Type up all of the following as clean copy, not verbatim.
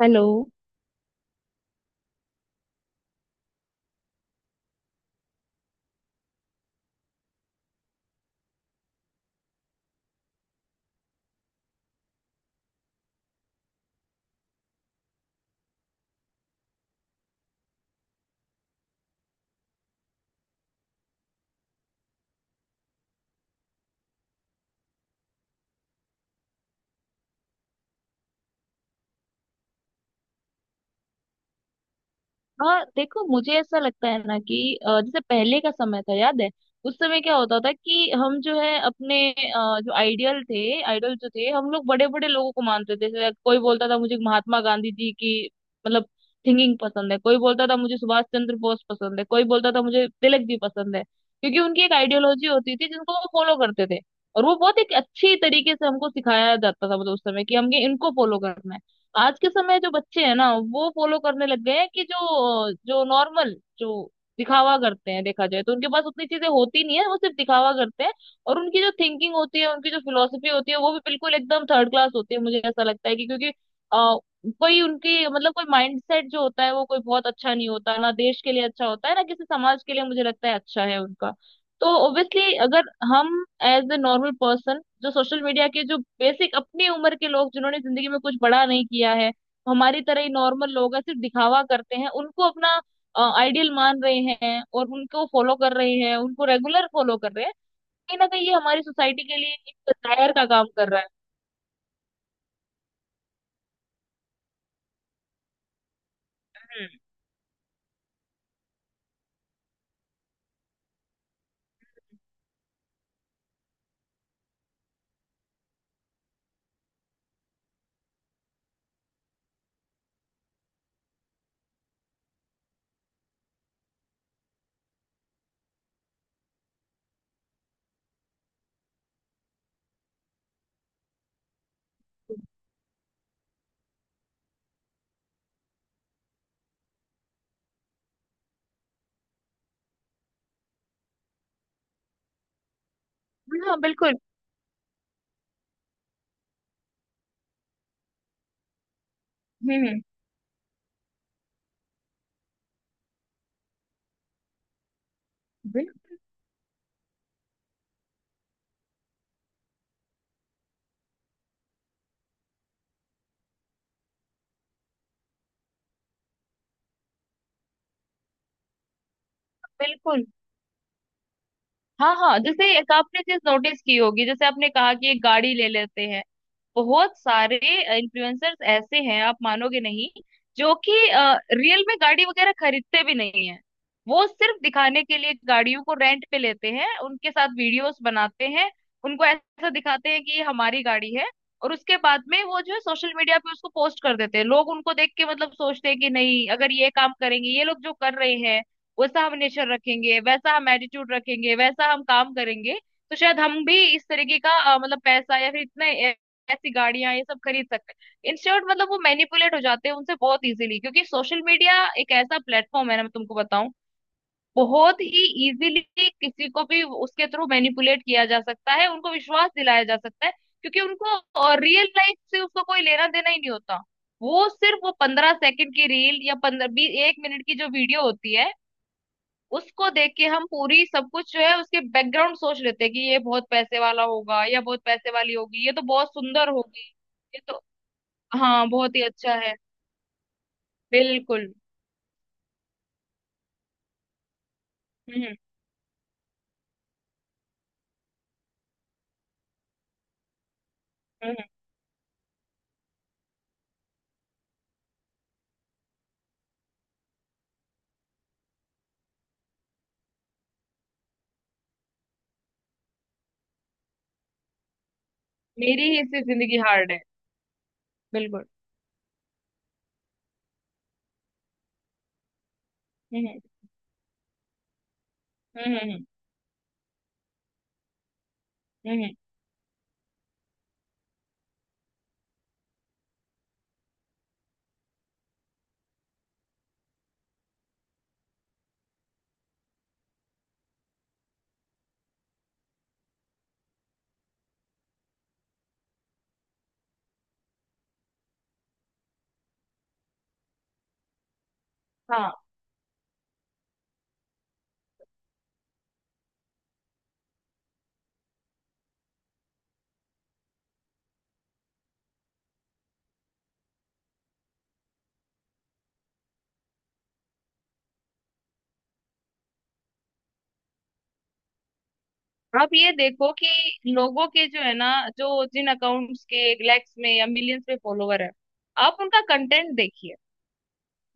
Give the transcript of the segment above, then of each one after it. Hello. हाँ देखो, मुझे ऐसा लगता है ना कि जैसे पहले का समय था याद है। उस समय क्या होता था कि हम जो है अपने जो आइडियल थे आइडल जो थे, हम लोग बड़े बड़े लोगों को मानते थे। जैसे कोई बोलता था मुझे महात्मा गांधी जी की मतलब थिंकिंग पसंद है, कोई बोलता था मुझे सुभाष चंद्र बोस पसंद है, कोई बोलता था मुझे तिलक जी पसंद है, क्योंकि उनकी एक आइडियोलॉजी होती थी जिनको वो फॉलो करते थे। और वो बहुत एक अच्छी तरीके से हमको सिखाया जाता था मतलब उस समय, कि हमें इनको फॉलो करना है। आज के समय जो बच्चे हैं ना, वो फॉलो करने लग गए हैं कि जो जो नॉर्मल जो दिखावा करते हैं, देखा जाए तो उनके पास उतनी चीजें होती नहीं है, वो सिर्फ दिखावा करते हैं। और उनकी जो थिंकिंग होती है, उनकी जो फिलोसफी होती है, वो भी बिल्कुल एकदम थर्ड क्लास होती है। मुझे ऐसा लगता है कि क्योंकि आ, कोई उनकी मतलब कोई माइंडसेट जो होता है वो कोई बहुत अच्छा नहीं होता, ना देश के लिए अच्छा होता है ना किसी समाज के लिए। मुझे लगता है अच्छा है उनका। तो ऑब्वियसली अगर हम एज ए नॉर्मल पर्सन, जो सोशल मीडिया के जो बेसिक अपनी उम्र के लोग जिन्होंने जिंदगी में कुछ बड़ा नहीं किया है, हमारी तरह ही नॉर्मल लोग हैं, सिर्फ दिखावा करते हैं, उनको अपना आइडियल मान रहे हैं और उनको फॉलो कर रहे हैं, उनको रेगुलर फॉलो कर रहे हैं, कहीं ना कहीं ये हमारी सोसाइटी के लिए एक दायर का काम कर रहा है। हम्म, हाँ बिल्कुल। हम्म। बिल्कुल बिल्कुल। हाँ हाँ, जैसे एक आपने चीज नोटिस की होगी, जैसे आपने कहा कि एक गाड़ी ले लेते हैं। बहुत सारे इन्फ्लुएंसर्स ऐसे हैं आप मानोगे नहीं, जो कि रियल में गाड़ी वगैरह खरीदते भी नहीं है। वो सिर्फ दिखाने के लिए गाड़ियों को रेंट पे लेते हैं, उनके साथ वीडियोस बनाते हैं, उनको ऐसा दिखाते हैं कि ये हमारी गाड़ी है। और उसके बाद में वो जो है सोशल मीडिया पे उसको पोस्ट कर देते हैं। लोग उनको देख के मतलब सोचते हैं कि नहीं, अगर ये काम करेंगे ये लोग जो कर रहे हैं, वैसा हम नेचर रखेंगे, वैसा हम एटीट्यूड रखेंगे, वैसा हम काम करेंगे, तो शायद हम भी इस तरीके का मतलब पैसा या फिर इतने ऐसी गाड़ियां ये सब खरीद सकते हैं इंस्टेंट। मतलब वो मैनिपुलेट हो जाते हैं उनसे बहुत इजीली, क्योंकि सोशल मीडिया एक ऐसा प्लेटफॉर्म है ना, मैं तुमको बताऊं, बहुत ही इजीली किसी को भी उसके थ्रू मैनिपुलेट किया जा सकता है, उनको विश्वास दिलाया जा सकता है, क्योंकि उनको रियल लाइफ से उसको कोई लेना देना ही नहीं होता। वो सिर्फ वो पंद्रह सेकंड की रील या पंद्रह बीस एक मिनट की जो वीडियो होती है, उसको देख के हम पूरी सब कुछ जो है उसके बैकग्राउंड सोच लेते हैं कि ये बहुत पैसे वाला होगा या बहुत पैसे वाली होगी, ये तो बहुत सुंदर होगी, ये तो। हाँ बहुत ही अच्छा है। बिल्कुल। हम्म हम्म हम्म, हम्म। मेरी ही इससे जिंदगी हार्ड है। बिल्कुल। हम्म हम्म हम्म हम्म हम्म, हम्म। हाँ, आप ये देखो कि लोगों के जो है ना, जो जिन अकाउंट्स के लैक्स में या मिलियंस में फॉलोवर है, आप उनका कंटेंट देखिए,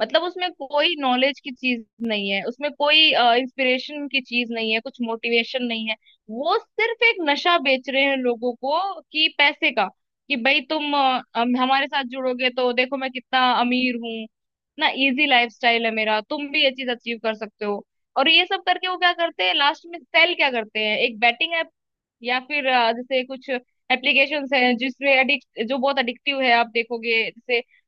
मतलब उसमें कोई नॉलेज की चीज नहीं है, उसमें कोई इंस्पिरेशन की चीज नहीं है, कुछ मोटिवेशन नहीं है। वो सिर्फ एक नशा बेच रहे हैं लोगों को, कि पैसे का, कि भाई तुम हमारे साथ जुड़ोगे तो देखो मैं कितना अमीर हूँ, इतना इजी लाइफस्टाइल है मेरा, तुम भी ये चीज अचीव कर सकते हो। और ये सब करके वो क्या करते हैं लास्ट में, सेल क्या करते हैं, एक बैटिंग ऐप या फिर जैसे कुछ एप्लीकेशंस हैं जिसमें एडिक्ट, जो बहुत एडिक्टिव है आप देखोगे।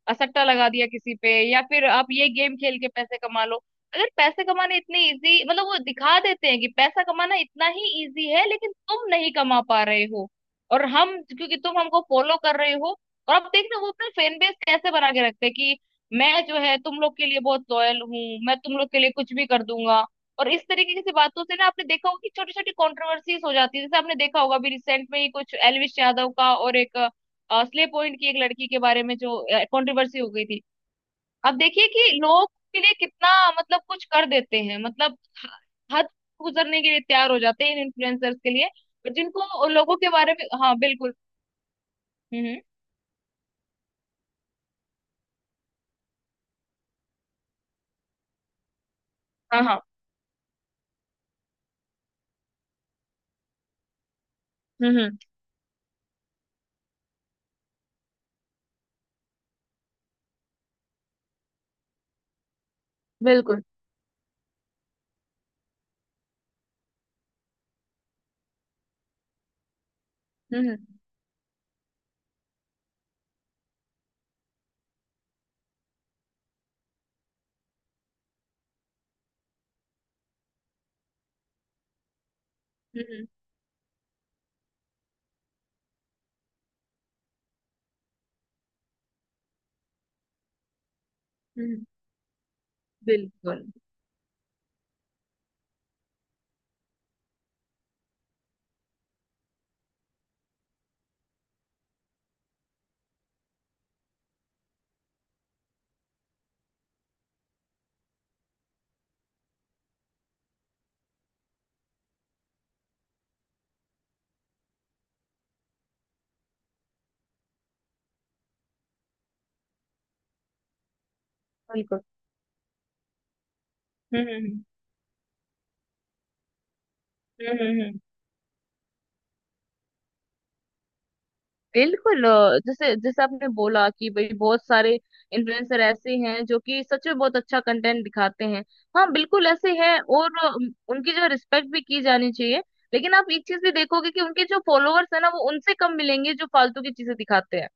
सट्टा लगा दिया किसी पे या फिर आप ये गेम खेल के पैसे कमा लो। अगर पैसे कमाने इतने इजी, मतलब वो दिखा देते हैं कि पैसा कमाना इतना ही इजी है लेकिन तुम नहीं कमा पा रहे हो, और हम, क्योंकि तुम हमको फॉलो कर रहे हो। और आप देख रहे हो वो अपना फैन बेस कैसे बना के रखते हैं, कि मैं जो है तुम लोग के लिए बहुत लॉयल हूँ, मैं तुम लोग के लिए कुछ भी कर दूंगा। और इस तरीके की सी बातों से ना, आपने देखा होगा कि छोटी छोटी कॉन्ट्रोवर्सीज हो जाती है। जैसे आपने देखा होगा अभी रिसेंट में ही कुछ एलविश यादव का और एक स्ले पॉइंट की एक लड़की के बारे में जो कंट्रोवर्सी हो गई थी। अब देखिए कि लोग के लिए कितना मतलब कुछ कर देते हैं, मतलब हद गुजरने के लिए तैयार हो जाते हैं इन इन्फ्लुएंसर्स के लिए। और जिनको लोगों के बारे में, हाँ बिल्कुल। हम्म हम्म, हाँ हाँ। हम्म हम्म, बिल्कुल। हम्म हम्म हम्म हम्म, बिल्कुल बिल्कुल। हम्म हम्म हम्म हम्म हम्म। बिल्कुल। जैसे जैसे आपने बोला कि भाई बहुत सारे इन्फ्लुएंसर ऐसे हैं जो कि सच में बहुत अच्छा कंटेंट दिखाते हैं। हाँ बिल्कुल ऐसे हैं, और उनकी जो रिस्पेक्ट भी की जानी चाहिए। लेकिन आप एक चीज भी देखोगे कि उनके जो फॉलोअर्स है ना, वो उनसे कम मिलेंगे जो फालतू की चीजें दिखाते हैं।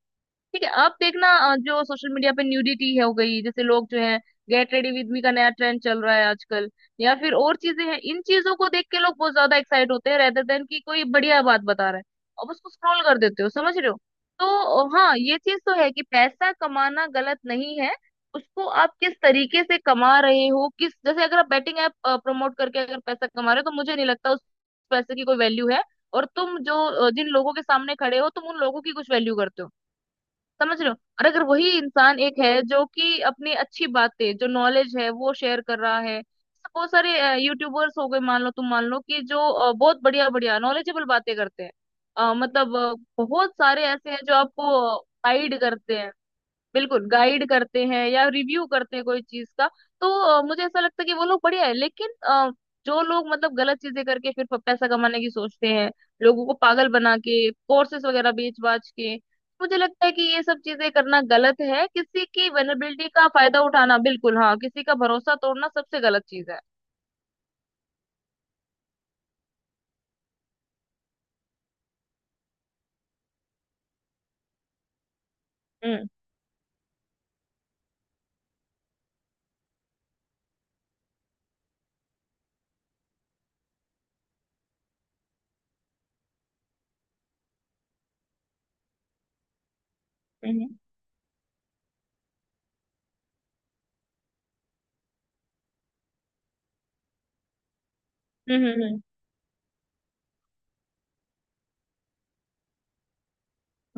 ठीक है, आप देखना जो सोशल मीडिया पे न्यूडिटी है हो गई, जैसे लोग जो है गेट रेडी विद मी का नया ट्रेंड चल रहा है आजकल, या फिर और चीजें हैं, इन चीजों को देख के लोग बहुत ज्यादा एक्साइट होते हैं, रेदर देन कि कोई बढ़िया बात बता रहा है और उसको स्क्रॉल कर देते हो, समझ रहे हो। तो हाँ ये चीज तो है कि पैसा कमाना गलत नहीं है, उसको आप किस तरीके से कमा रहे हो। किस, जैसे अगर आप बैटिंग ऐप प्रमोट करके अगर पैसा कमा रहे हो तो मुझे नहीं लगता उस पैसे की कोई वैल्यू है, और तुम जो जिन लोगों के सामने खड़े हो तुम उन लोगों की कुछ वैल्यू करते हो, समझ रहे हो। और अगर वही इंसान एक है जो कि अपनी अच्छी बातें, जो नॉलेज है वो शेयर कर रहा है, जैसे बहुत सारे यूट्यूबर्स हो गए, मान लो तुम मान लो कि जो बहुत बढ़िया बढ़िया नॉलेजेबल बातें करते हैं। अ, मतलब अ, बहुत सारे ऐसे हैं जो आपको गाइड करते हैं, बिल्कुल गाइड करते हैं, या रिव्यू करते हैं कोई चीज का। तो मुझे ऐसा लगता है कि वो लोग बढ़िया है, लेकिन जो लोग मतलब गलत चीजें करके फिर पैसा कमाने की सोचते हैं, लोगों को पागल बना के कोर्सेस वगैरह बेच बाच के, मुझे लगता है कि ये सब चीजें करना गलत है, किसी की वेनेबिलिटी का फायदा उठाना, बिल्कुल, हाँ, किसी का भरोसा तोड़ना सबसे गलत चीज है। हम्म हम्म हम्म हम्म हम्म,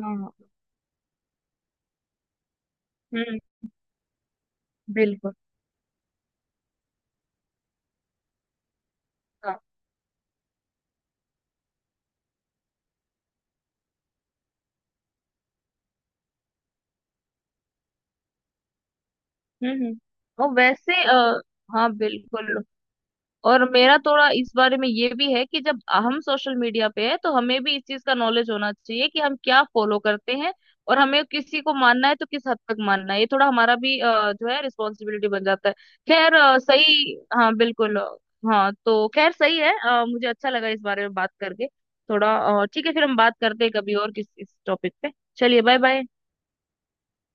हाँ। हम्म, बिल्कुल हाँ। हम्म, और वैसे हाँ बिल्कुल। और मेरा थोड़ा इस बारे में ये भी है कि जब हम सोशल मीडिया पे है तो हमें भी इस चीज का नॉलेज होना चाहिए कि हम क्या फॉलो करते हैं, और हमें किसी को मानना है तो किस हद तक मानना है, ये थोड़ा हमारा भी जो है रिस्पॉन्सिबिलिटी बन जाता है। खैर सही, हाँ बिल्कुल। हाँ तो खैर सही है, मुझे अच्छा लगा इस बारे में बात करके थोड़ा। ठीक है, फिर हम बात करते हैं कभी और किस इस टॉपिक पे। चलिए बाय बाय।